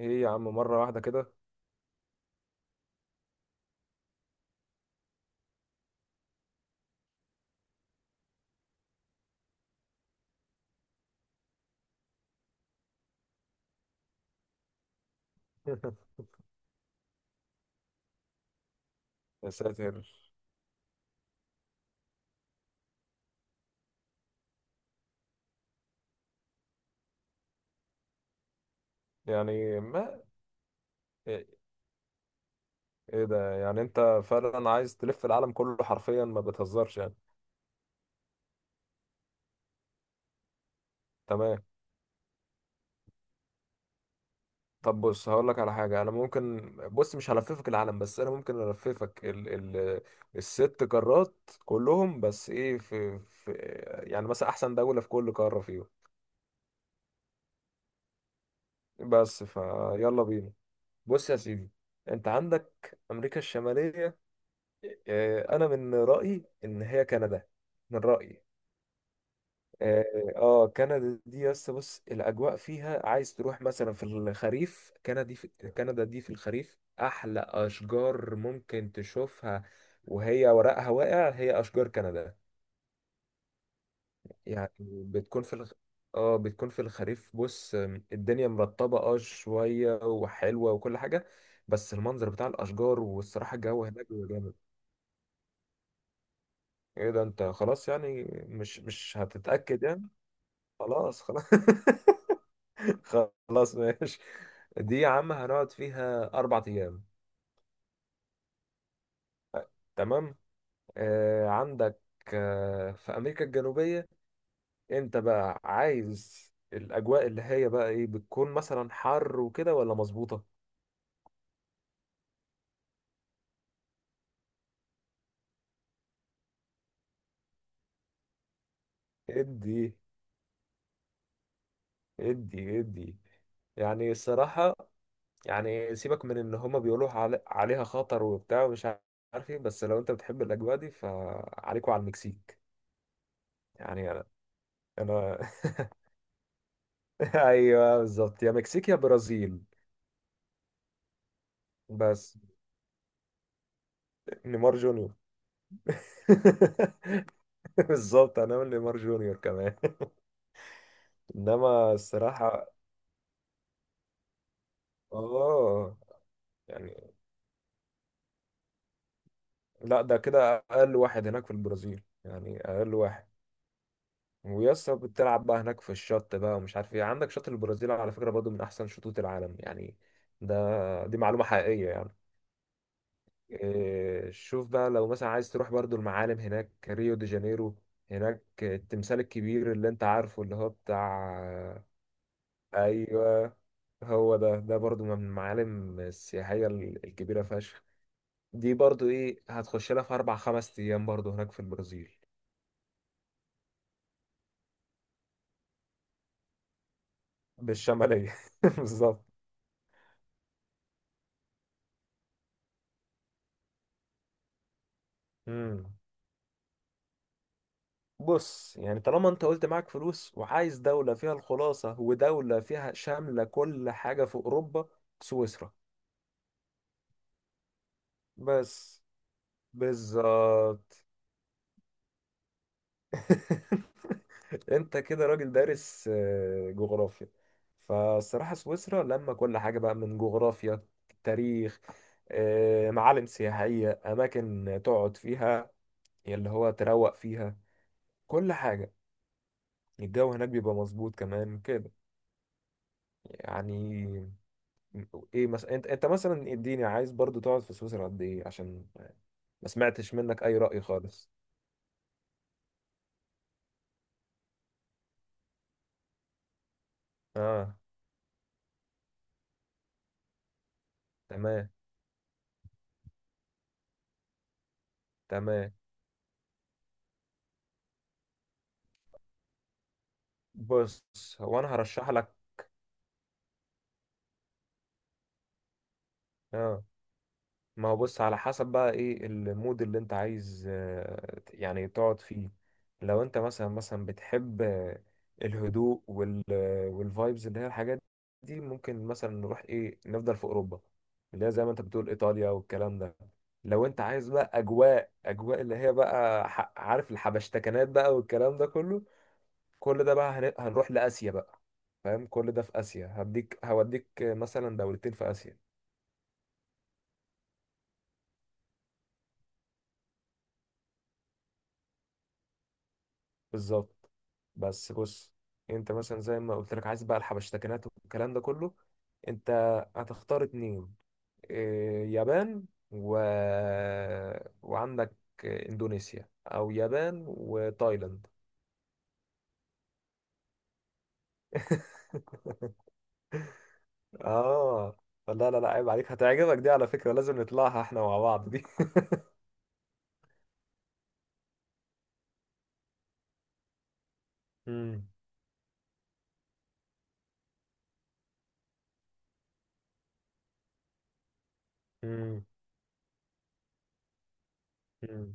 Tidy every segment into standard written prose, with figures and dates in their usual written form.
ايه يا عم، مرة واحدة كده. يا ساتر. يعني ما ايه، إيه ده؟ يعني انت فعلا عايز تلف العالم كله حرفيا؟ ما بتهزرش يعني؟ تمام. طب بص، هقول لك على حاجة. انا ممكن، بص، مش هلففك العالم، بس انا ممكن الففك ال ال الست قارات كلهم. بس ايه في يعني مثلا احسن دولة في كل قارة فيهم. بس فيلا بينا. بص يا سيدي، انت عندك امريكا الشمالية. إيه، انا من رأيي ان هي كندا. من رأيي. اه، آه، كندا. دي يس، بص الاجواء فيها، عايز تروح مثلا في الخريف، كندا في كندا دي في الخريف احلى اشجار ممكن تشوفها، وهي ورقها واقع، هي اشجار كندا يعني. بتكون في الخ... اه، بتكون في الخريف، بص، الدنيا مرطبة اه شوية، وحلوة وكل حاجة، بس المنظر بتاع الاشجار، والصراحة الجو هناك بيبقى جامد. ايه ده، انت خلاص يعني؟ مش هتتأكد يعني؟ خلاص، خلاص. خلاص. ماشي. دي يا عم هنقعد فيها أربع أيام. تمام. عندك في أمريكا الجنوبية. أنت بقى عايز الأجواء اللي هي بقى إيه، بتكون مثلا حر وكده ولا مظبوطة؟ إدي، إدي، إدي. يعني الصراحة، يعني سيبك من إن هما بيقولوا علي، عليها خطر وبتاع ومش عارف إيه، بس لو أنت بتحب الأجواء دي فعليكوا على المكسيك. يعني أنا، أنا أيوه بالظبط، يا مكسيك يا برازيل. بس نيمار جونيور. بالظبط، هنعمل نيمار جونيور كمان. انما الصراحه، اه يعني، لا ده كده اقل واحد هناك في البرازيل، يعني اقل واحد. ويسا بتلعب بقى هناك في الشط بقى، ومش عارف ايه، عندك شط البرازيل على فكره برضو من احسن شطوط العالم يعني. دي معلومه حقيقيه يعني. إيه، شوف بقى لو مثلا عايز تروح برضو المعالم هناك، ريو دي جانيرو. هناك التمثال الكبير اللي انت عارفه، اللي هو بتاع. ايوه. هو ده برضو من المعالم السياحيه الكبيره فشخ. دي برضو ايه، هتخش لها في اربع خمس ايام برضو هناك في البرازيل. بالشماليه. بالظبط. مم. بص، يعني طالما انت قلت معاك فلوس وعايز دوله فيها الخلاصه، ودوله فيها شامله كل حاجه في اوروبا، سويسرا. بس. بالظبط. انت كده راجل دارس جغرافيا. فالصراحة سويسرا لما كل حاجة بقى، من جغرافيا، تاريخ، معالم سياحية، أماكن تقعد فيها، اللي هو تروق فيها، كل حاجة. الجو هناك بيبقى مظبوط كمان كده. يعني ايه مثلا، انت مثلا اديني، عايز برضو تقعد في سويسرا قد ايه، عشان ما سمعتش منك اي رأي خالص. اه. تمام، تمام. بص، هو انا هرشح لك. اه. ما هو بص، على حسب بقى ايه المود اللي انت عايز يعني تقعد فيه. لو انت مثلا بتحب الهدوء والفايبز اللي هي الحاجات دي، ممكن مثلا نروح ايه، نفضل في اوروبا اللي هي زي ما انت بتقول ايطاليا والكلام ده. لو انت عايز بقى اجواء اللي هي بقى، عارف الحبشتكنات بقى والكلام ده كله، كل ده بقى هنروح لآسيا بقى. فاهم؟ كل ده في آسيا، هوديك مثلا دولتين في آسيا. بالظبط. بس بص، انت مثلا زي ما قلت لك عايز بقى الحبشتكنات والكلام ده كله، انت هتختار اتنين، إيه، يابان و... وعندك اندونيسيا، او يابان وتايلاند. اه، لا، لا، لا، عيب عليك، هتعجبك دي على فكرة، لازم نطلعها احنا مع بعض دي. مم. مم. مم.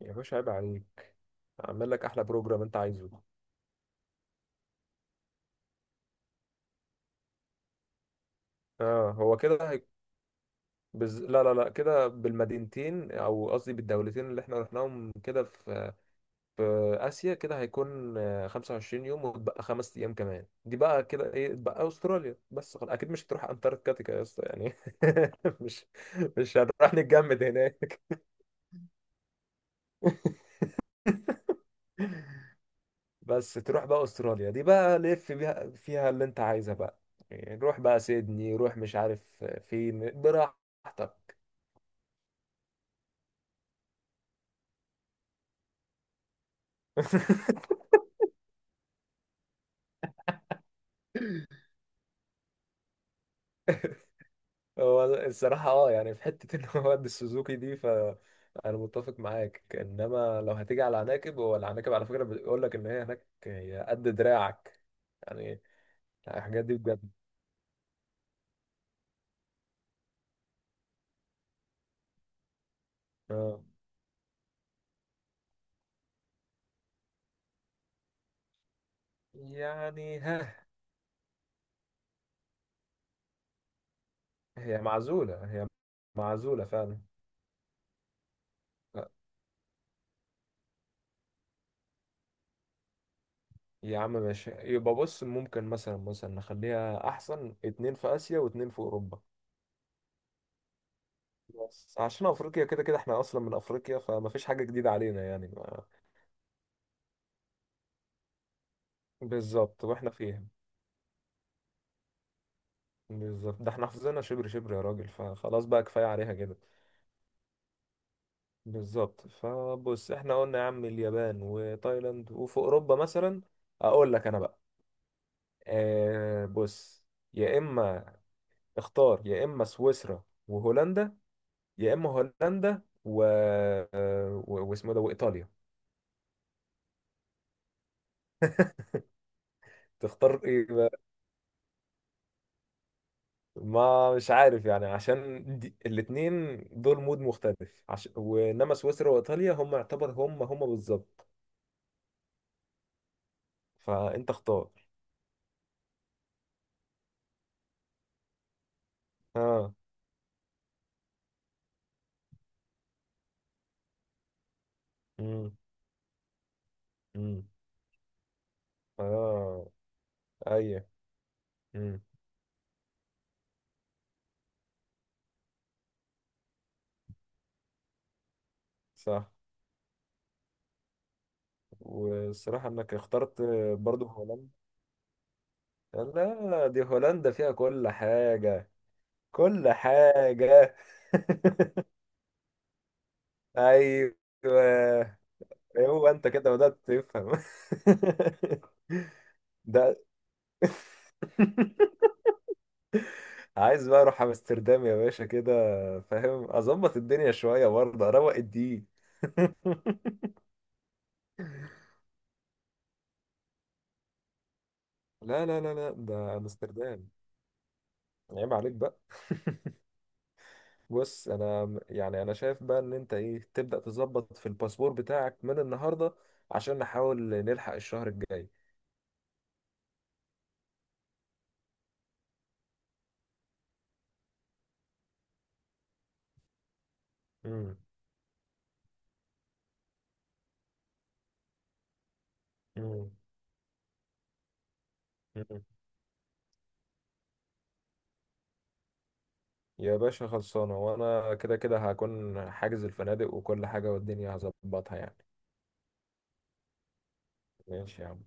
يا باشا عيب عليك، اعمل لك احلى بروجرام انت عايزه. اه، هو كده. لا، لا، لا، كده بالمدينتين، او قصدي بالدولتين اللي احنا رحناهم كده في في اسيا، كده هيكون 25 يوم، وتبقى خمس ايام كمان، دي بقى كده ايه، تبقى استراليا. بس خلاص، اكيد مش هتروح انتاركتيكا يا اسطى يعني. مش مش هنروح نتجمد هناك. بس تروح بقى استراليا دي، بقى لف بيها فيها اللي انت عايزها بقى، يعني روح بقى سيدني، روح مش عارف فين، براحتك. هو الصراحة اه يعني، في حتة ان هو قد السوزوكي دي، ف انا متفق معاك، انما لو هتيجي على العناكب، هو العناكب على فكرة بيقول لك ان هي هناك هي قد دراعك يعني. الحاجات دي بجد، اه يعني، ها. هي معزولة، هي معزولة فعلا. لا، يا عم ماشي، يبقى بص ممكن مثلا نخليها احسن اتنين في اسيا واتنين في اوروبا. بس عشان افريقيا، كده كده احنا اصلا من افريقيا، فما فيش حاجة جديدة علينا يعني بالظبط واحنا فيها. بالظبط، ده احنا حافظينها شبر شبر يا راجل، فخلاص بقى كفاية عليها كده. بالظبط، فبص احنا قلنا يا عم اليابان وتايلاند، وفي اوروبا مثلا اقول لك انا بقى، بص، يا اما اختار يا اما سويسرا وهولندا، يا اما هولندا واسمه ده، وايطاليا. تختار ايه بقى؟ ما مش عارف يعني، عشان الاتنين دول مود مختلف، وانما سويسرا وايطاليا هم، يعتبر هم بالظبط. فانت اختار. اه. امم. امم. اه. ايوه. امم. صح. والصراحه انك اخترت برضو هولندا. لا دي هولندا فيها كل حاجه، كل حاجه. ايوه. هو انت كده بدات تفهم. ده. عايز بقى اروح امستردام يا باشا كده، فاهم اظبط الدنيا شويه برضه، اروق الدين. لا، لا، لا، لا، ده امستردام، عيب عليك بقى. بص، انا يعني انا شايف بقى ان انت ايه، تبدأ تظبط في الباسبور بتاعك من النهارده، عشان نحاول نلحق الشهر الجاي. مم. مم. مم. يا باشا خلصانه، وانا كده كده هكون حاجز الفنادق وكل حاجه، والدنيا هظبطها يعني. ماشي يا عم.